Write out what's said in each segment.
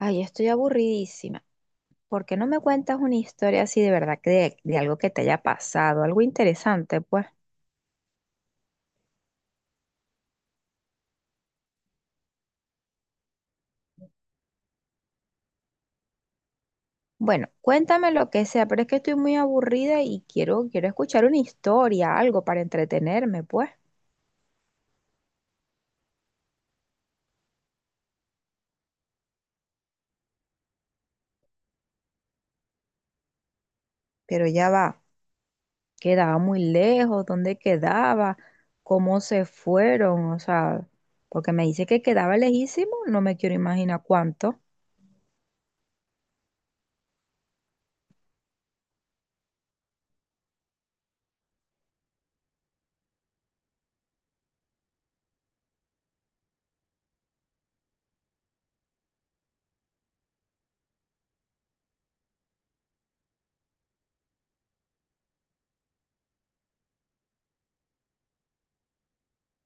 Ay, estoy aburridísima. ¿Por qué no me cuentas una historia así de verdad, de algo que te haya pasado, algo interesante, pues? Bueno, cuéntame lo que sea, pero es que estoy muy aburrida y quiero escuchar una historia, algo para entretenerme, pues. Pero ya va, quedaba muy lejos, ¿dónde quedaba? ¿Cómo se fueron? O sea, porque me dice que quedaba lejísimo, no me quiero imaginar cuánto.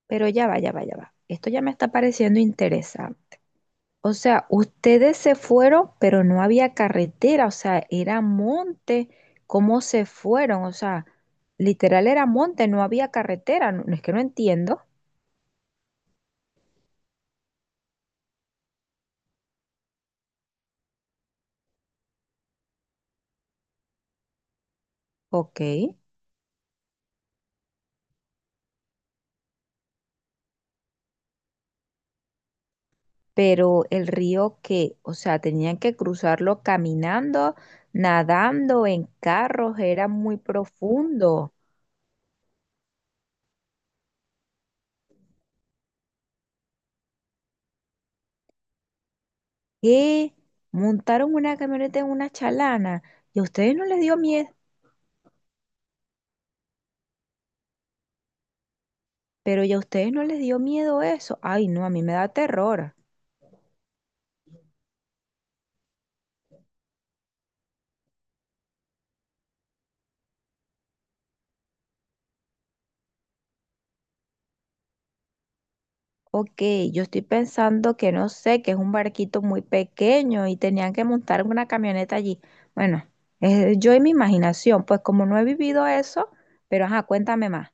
Pero ya va, ya va, ya va. Esto ya me está pareciendo interesante. O sea, ustedes se fueron, pero no había carretera, o sea, era monte. ¿Cómo se fueron? O sea, literal era monte, no había carretera. No, no es que no entiendo, ok. Pero el río que, o sea, tenían que cruzarlo caminando, nadando, en carros, era muy profundo. ¿Qué? Montaron una camioneta en una chalana y a ustedes no les dio miedo, pero ya a ustedes no les dio miedo eso. Ay, no, a mí me da terror. Ok, yo estoy pensando que no sé, que es un barquito muy pequeño y tenían que montar una camioneta allí. Bueno, es yo y mi imaginación, pues como no he vivido eso, pero ajá, cuéntame más.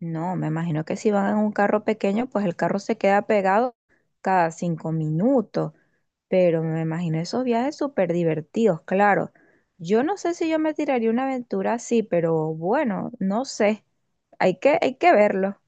No, me imagino que si van en un carro pequeño, pues el carro se queda pegado cada cinco minutos, pero me imagino esos viajes súper divertidos, claro. Yo no sé si yo me tiraría una aventura así, pero bueno, no sé, hay que verlo.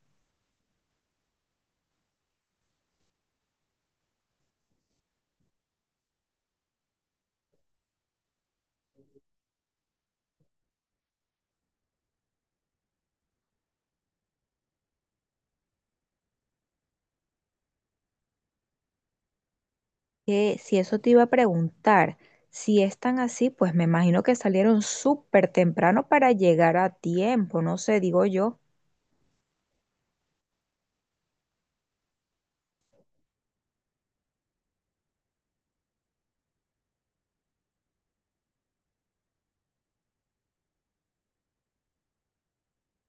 Que si eso te iba a preguntar, si es tan así, pues me imagino que salieron súper temprano para llegar a tiempo, no sé, digo yo.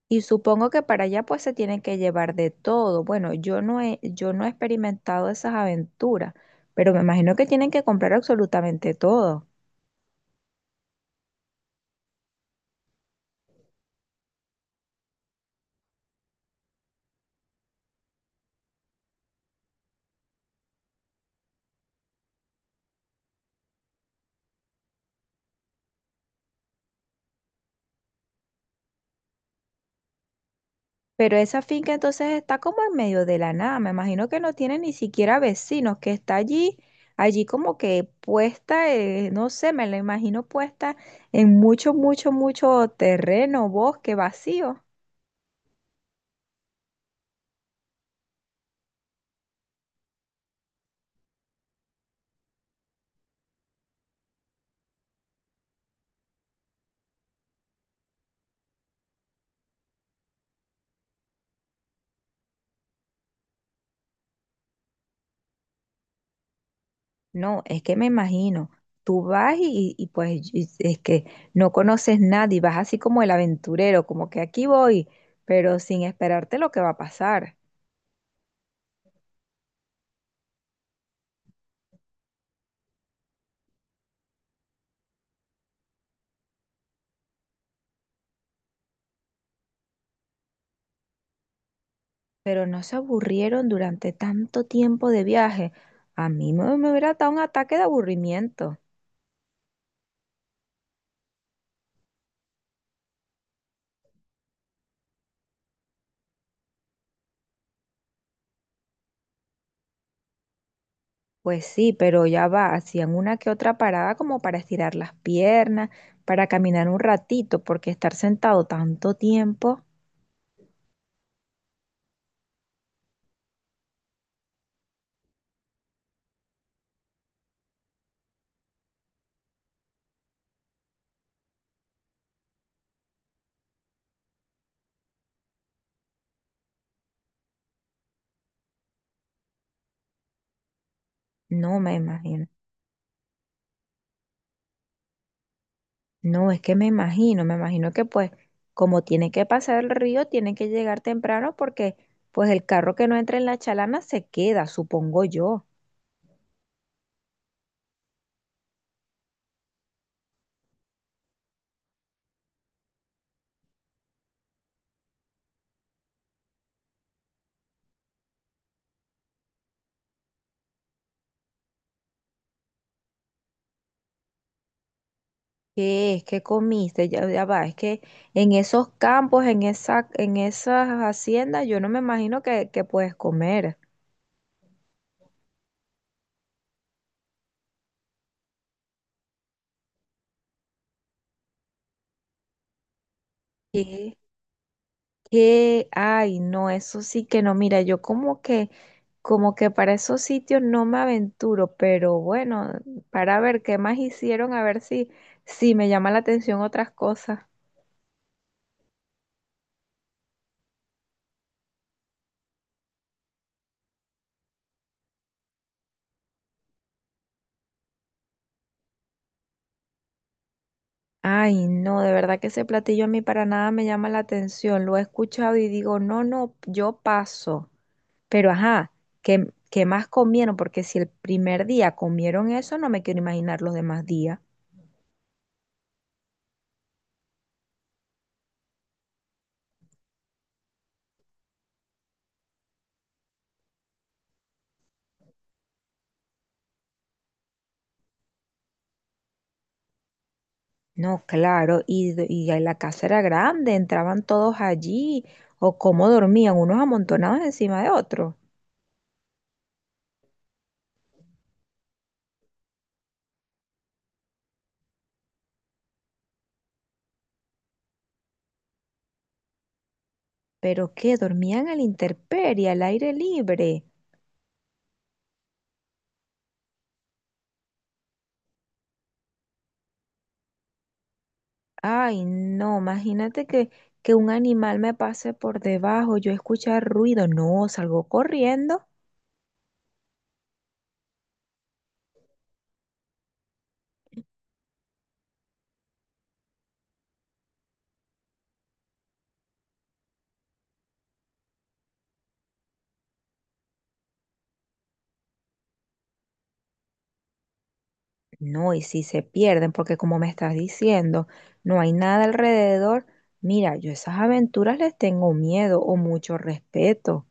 Y supongo que para allá pues se tienen que llevar de todo. Bueno, yo no he experimentado esas aventuras, pero me imagino que tienen que comprar absolutamente todo. Pero esa finca entonces está como en medio de la nada. Me imagino que no tiene ni siquiera vecinos, que está allí, allí como que puesta, no sé, me la imagino puesta en mucho, mucho, mucho terreno, bosque vacío. No, es que me imagino. Tú vas y, es que no conoces nadie, vas así como el aventurero, como que aquí voy, pero sin esperarte lo que va a pasar. Pero no se aburrieron durante tanto tiempo de viaje. A mí me hubiera dado un ataque de aburrimiento. Pues sí, pero ya va, hacían una que otra parada como para estirar las piernas, para caminar un ratito, porque estar sentado tanto tiempo, no me imagino. No, es que me imagino que pues como tiene que pasar el río, tiene que llegar temprano porque pues el carro que no entra en la chalana se queda, supongo yo. ¿Qué es? ¿Qué comiste? Ya, ya va, es que en esos campos, en esa, en esas haciendas, yo no me imagino que puedes comer. ¿Qué? ¿Qué? Ay, no, eso sí que no. Mira, yo como que para esos sitios no me aventuro, pero bueno, para ver qué más hicieron, a ver si, si me llama la atención otras cosas. Ay, no, de verdad que ese platillo a mí para nada me llama la atención. Lo he escuchado y digo, no, no, yo paso. Pero ajá, ¿qué, qué más comieron? Porque si el primer día comieron eso, no me quiero imaginar los demás días. No, claro, y ahí la casa era grande, entraban todos allí, o cómo dormían, unos amontonados encima de otros. Pero qué, dormían a la intemperie, al aire libre. Ay, no, imagínate que un animal me pase por debajo, yo escuchar ruido, no, salgo corriendo. No, y si se pierden, porque como me estás diciendo, no hay nada alrededor. Mira, yo esas aventuras les tengo miedo o mucho respeto.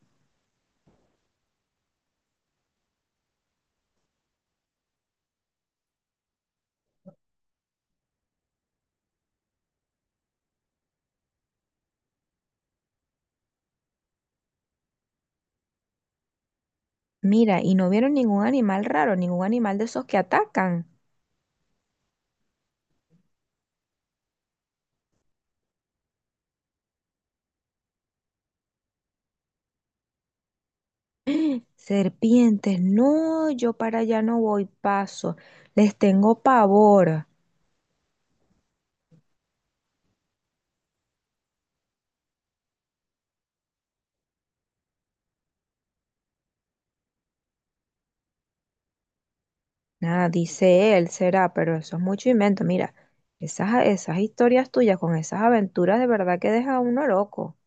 Mira, y no vieron ningún animal raro, ningún animal de esos que atacan. Serpientes, no, yo para allá no voy, paso. Les tengo pavor. Nada, dice él, será, pero eso es mucho invento. Mira, esas historias tuyas con esas aventuras de verdad que deja a uno loco.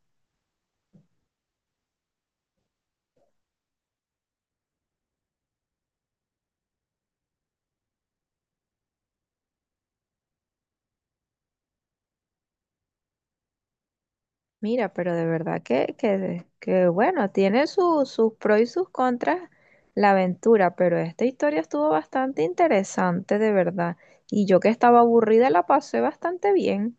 Mira, pero de verdad que bueno, tiene sus pros y sus contras la aventura, pero esta historia estuvo bastante interesante, de verdad. Y yo que estaba aburrida la pasé bastante bien.